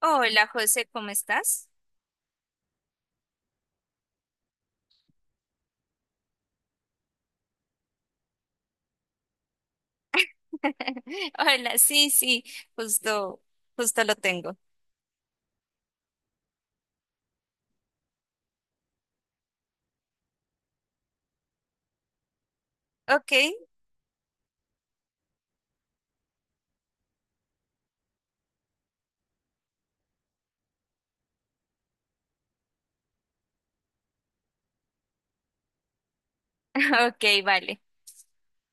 Hola José, ¿cómo estás? Hola, sí, sí, justo, justo lo tengo. Ok, ok, vale.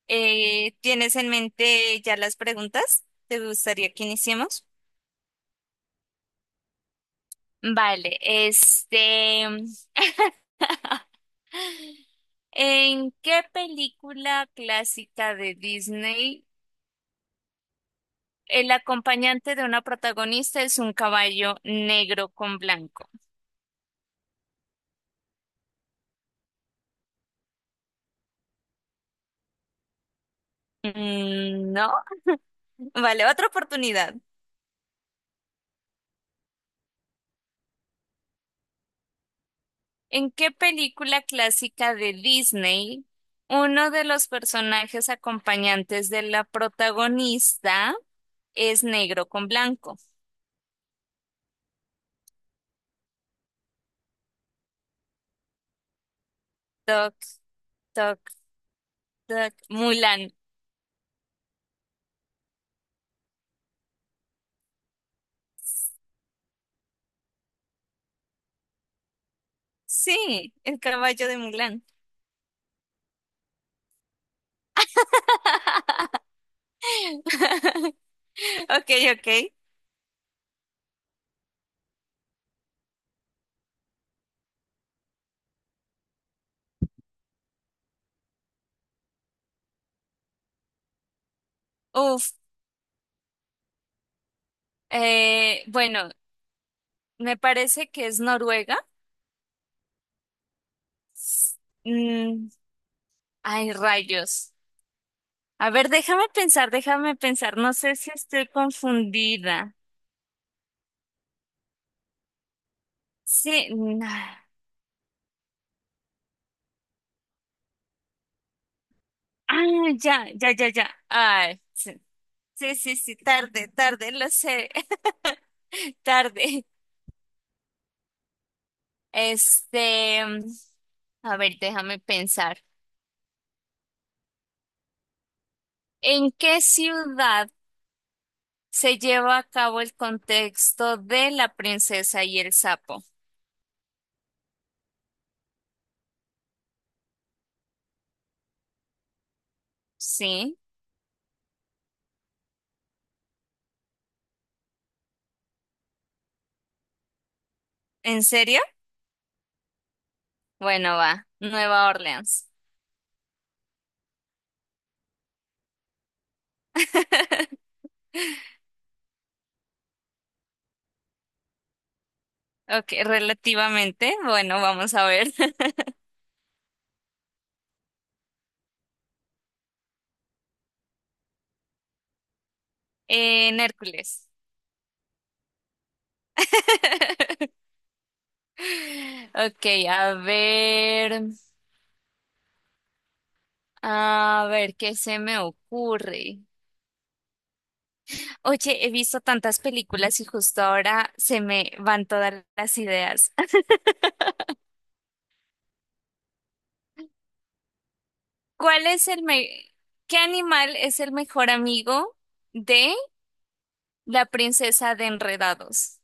¿Tienes en mente ya las preguntas? ¿Te gustaría que iniciemos? Vale, ¿En qué película clásica de Disney el acompañante de una protagonista es un caballo negro con blanco? No, vale, otra oportunidad. ¿En qué película clásica de Disney uno de los personajes acompañantes de la protagonista es negro con blanco? Toc, toc, toc. Mulan. Sí, el caballo de Mulan. Ok, ok. Uf, bueno, me parece que es Noruega. Mm, ay, rayos. A ver, déjame pensar, déjame pensar. No sé si estoy confundida. Sí, na- ah, ya, ya, ya, ya. Ay, sí, sí, sí, sí, tarde, tarde, lo sé, tarde. Este, a ver, déjame pensar. ¿En qué ciudad se lleva a cabo el contexto de La princesa y el sapo? ¿Sí? ¿En serio? Bueno, va, Nueva Orleans. Ok, relativamente. Bueno, vamos a ver. En Hércules. Ok, a ver qué se me ocurre. Oye, he visto tantas películas y justo ahora se me van todas las ideas. ¿Cuál es el me- ¿Qué animal es el mejor amigo de la princesa de Enredados?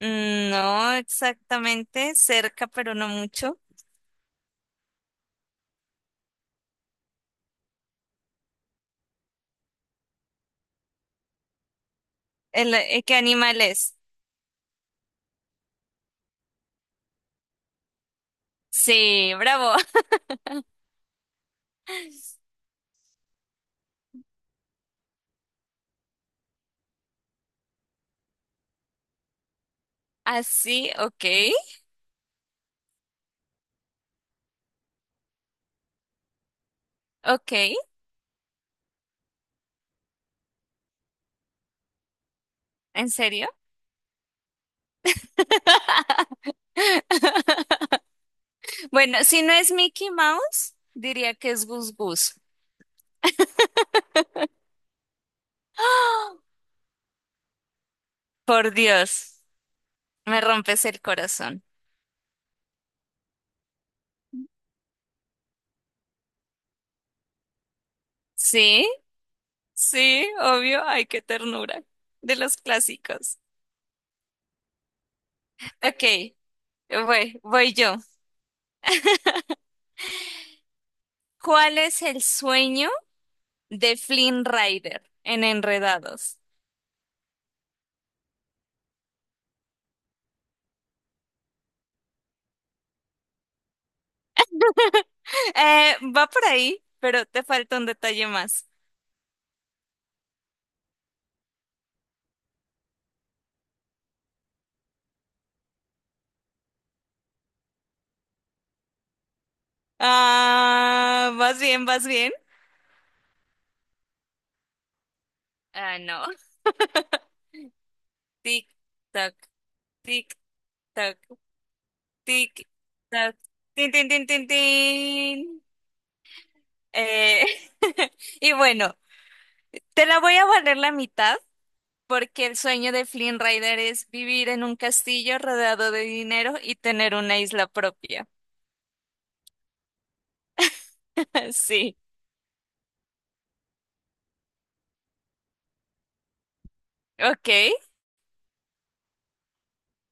No exactamente, cerca, pero no mucho. ¿Qué animal es? Sí, bravo. Así, ok, ok, ¿en serio? Bueno, si no es Mickey Mouse, diría que es Gus Gus. Por Dios, me rompes el corazón. Sí, sí, obvio. Ay, qué ternura. De los clásicos. Ok, voy yo. ¿Cuál es el sueño de Flynn Rider en Enredados? Va por ahí, pero te falta un detalle más. Ah, vas bien, vas bien. Ah, no. Tic, tac, tic, tac, tic, tac. Tin, tin, tin, tin, tin. Eh, y bueno, te la voy a valer la mitad porque el sueño de Flynn Rider es vivir en un castillo rodeado de dinero y tener una isla propia. Sí, ok.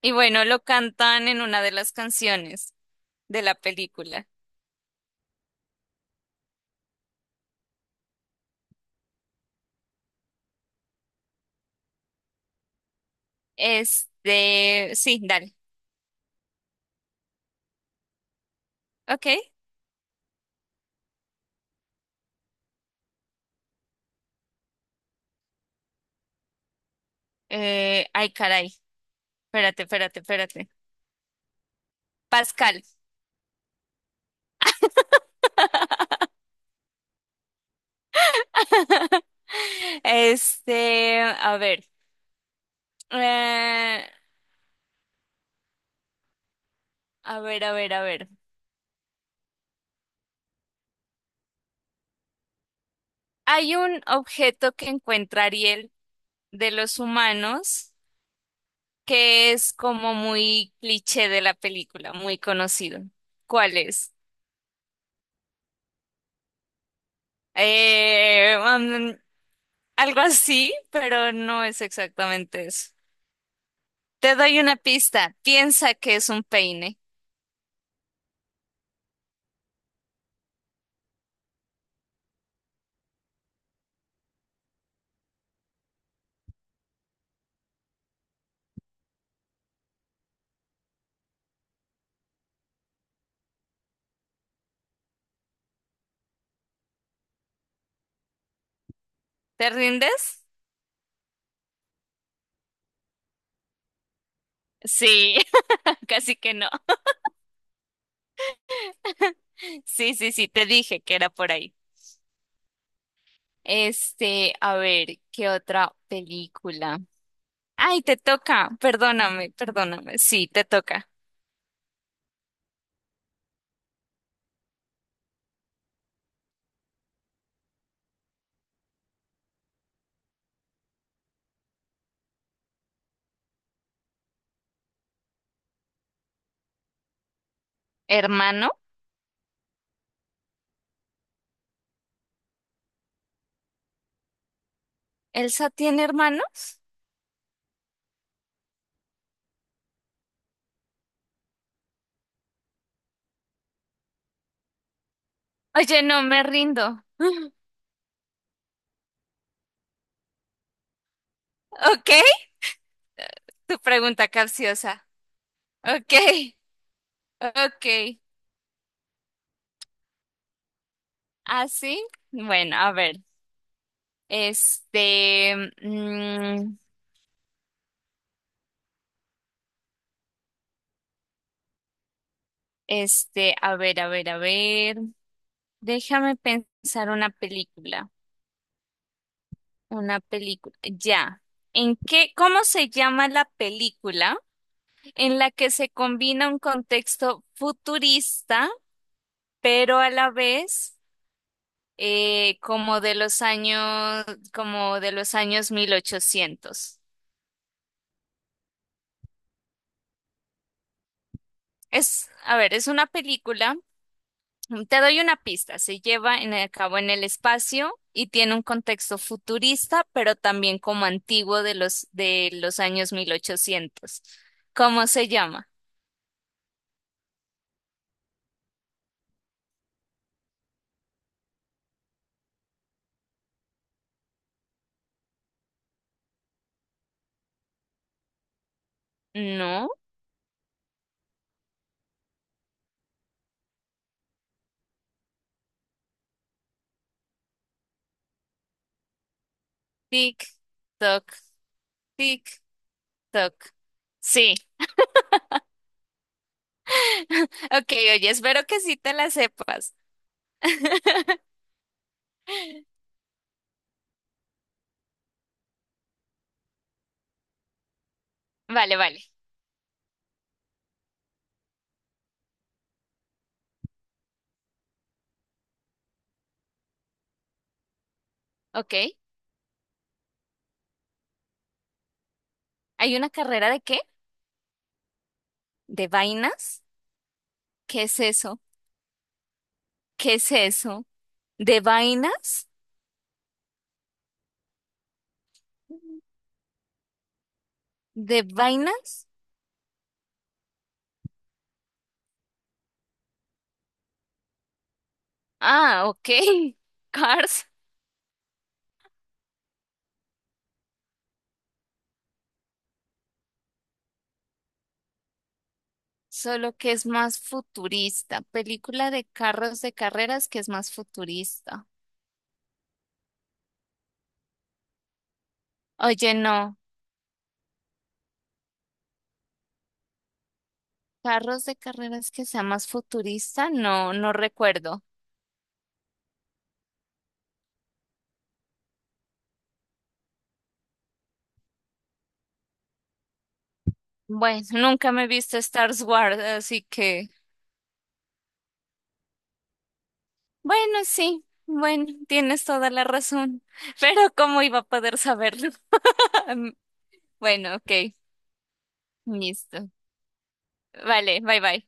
Y bueno, lo cantan en una de las canciones de la película. Este, sí, dale. Ok. Ay, caray. Espérate, espérate, espérate. Pascal. Este, a ver, eh, a ver, a ver, a ver. Hay un objeto que encuentra Ariel de los humanos que es como muy cliché de la película, muy conocido. ¿Cuál es? Eh, um, algo así, pero no es exactamente eso. Te doy una pista. Piensa que es un peine. ¿Te rindes? Sí, casi que no. Sí, sí, sí, te dije que era por ahí. Este, a ver, ¿qué otra película? Ay, te toca, perdóname, perdóname. Sí, te toca. ¿Hermano? ¿Elsa tiene hermanos? Oye, no, me rindo. Ok, tu pregunta capciosa. Ok, ok. ¿Ah, sí? Bueno, a ver. Este, mm, este, a ver, a ver, a ver. Déjame pensar una película. Una película. Ya. ¿Cómo se llama la película en la que se combina un contexto futurista, pero a la vez eh, como de los años, como de los años 1800? Es, a ver, es una película. Te doy una pista. Se lleva en, a cabo en el espacio y tiene un contexto futurista, pero también como antiguo de los años 1800. ¿Cómo se llama? No. Tic, toc, tic, toc. Sí. Ok, oye, espero que sí te la sepas. Vale, vale. Ok. ¿Hay una carrera de qué? ¿De vainas? ¿Qué es eso? ¿Qué es eso? ¿De vainas? ¿De vainas? Ah, ok. Cars. Solo que es más futurista. Película de carros de carreras que es más futurista. Oye, no. Carros de carreras que sea más futurista, no, no recuerdo. Bueno, nunca me he visto Star Wars, así que, bueno, sí, bueno, tienes toda la razón, pero ¿cómo iba a poder saberlo? Bueno, ok, listo. Vale, bye bye.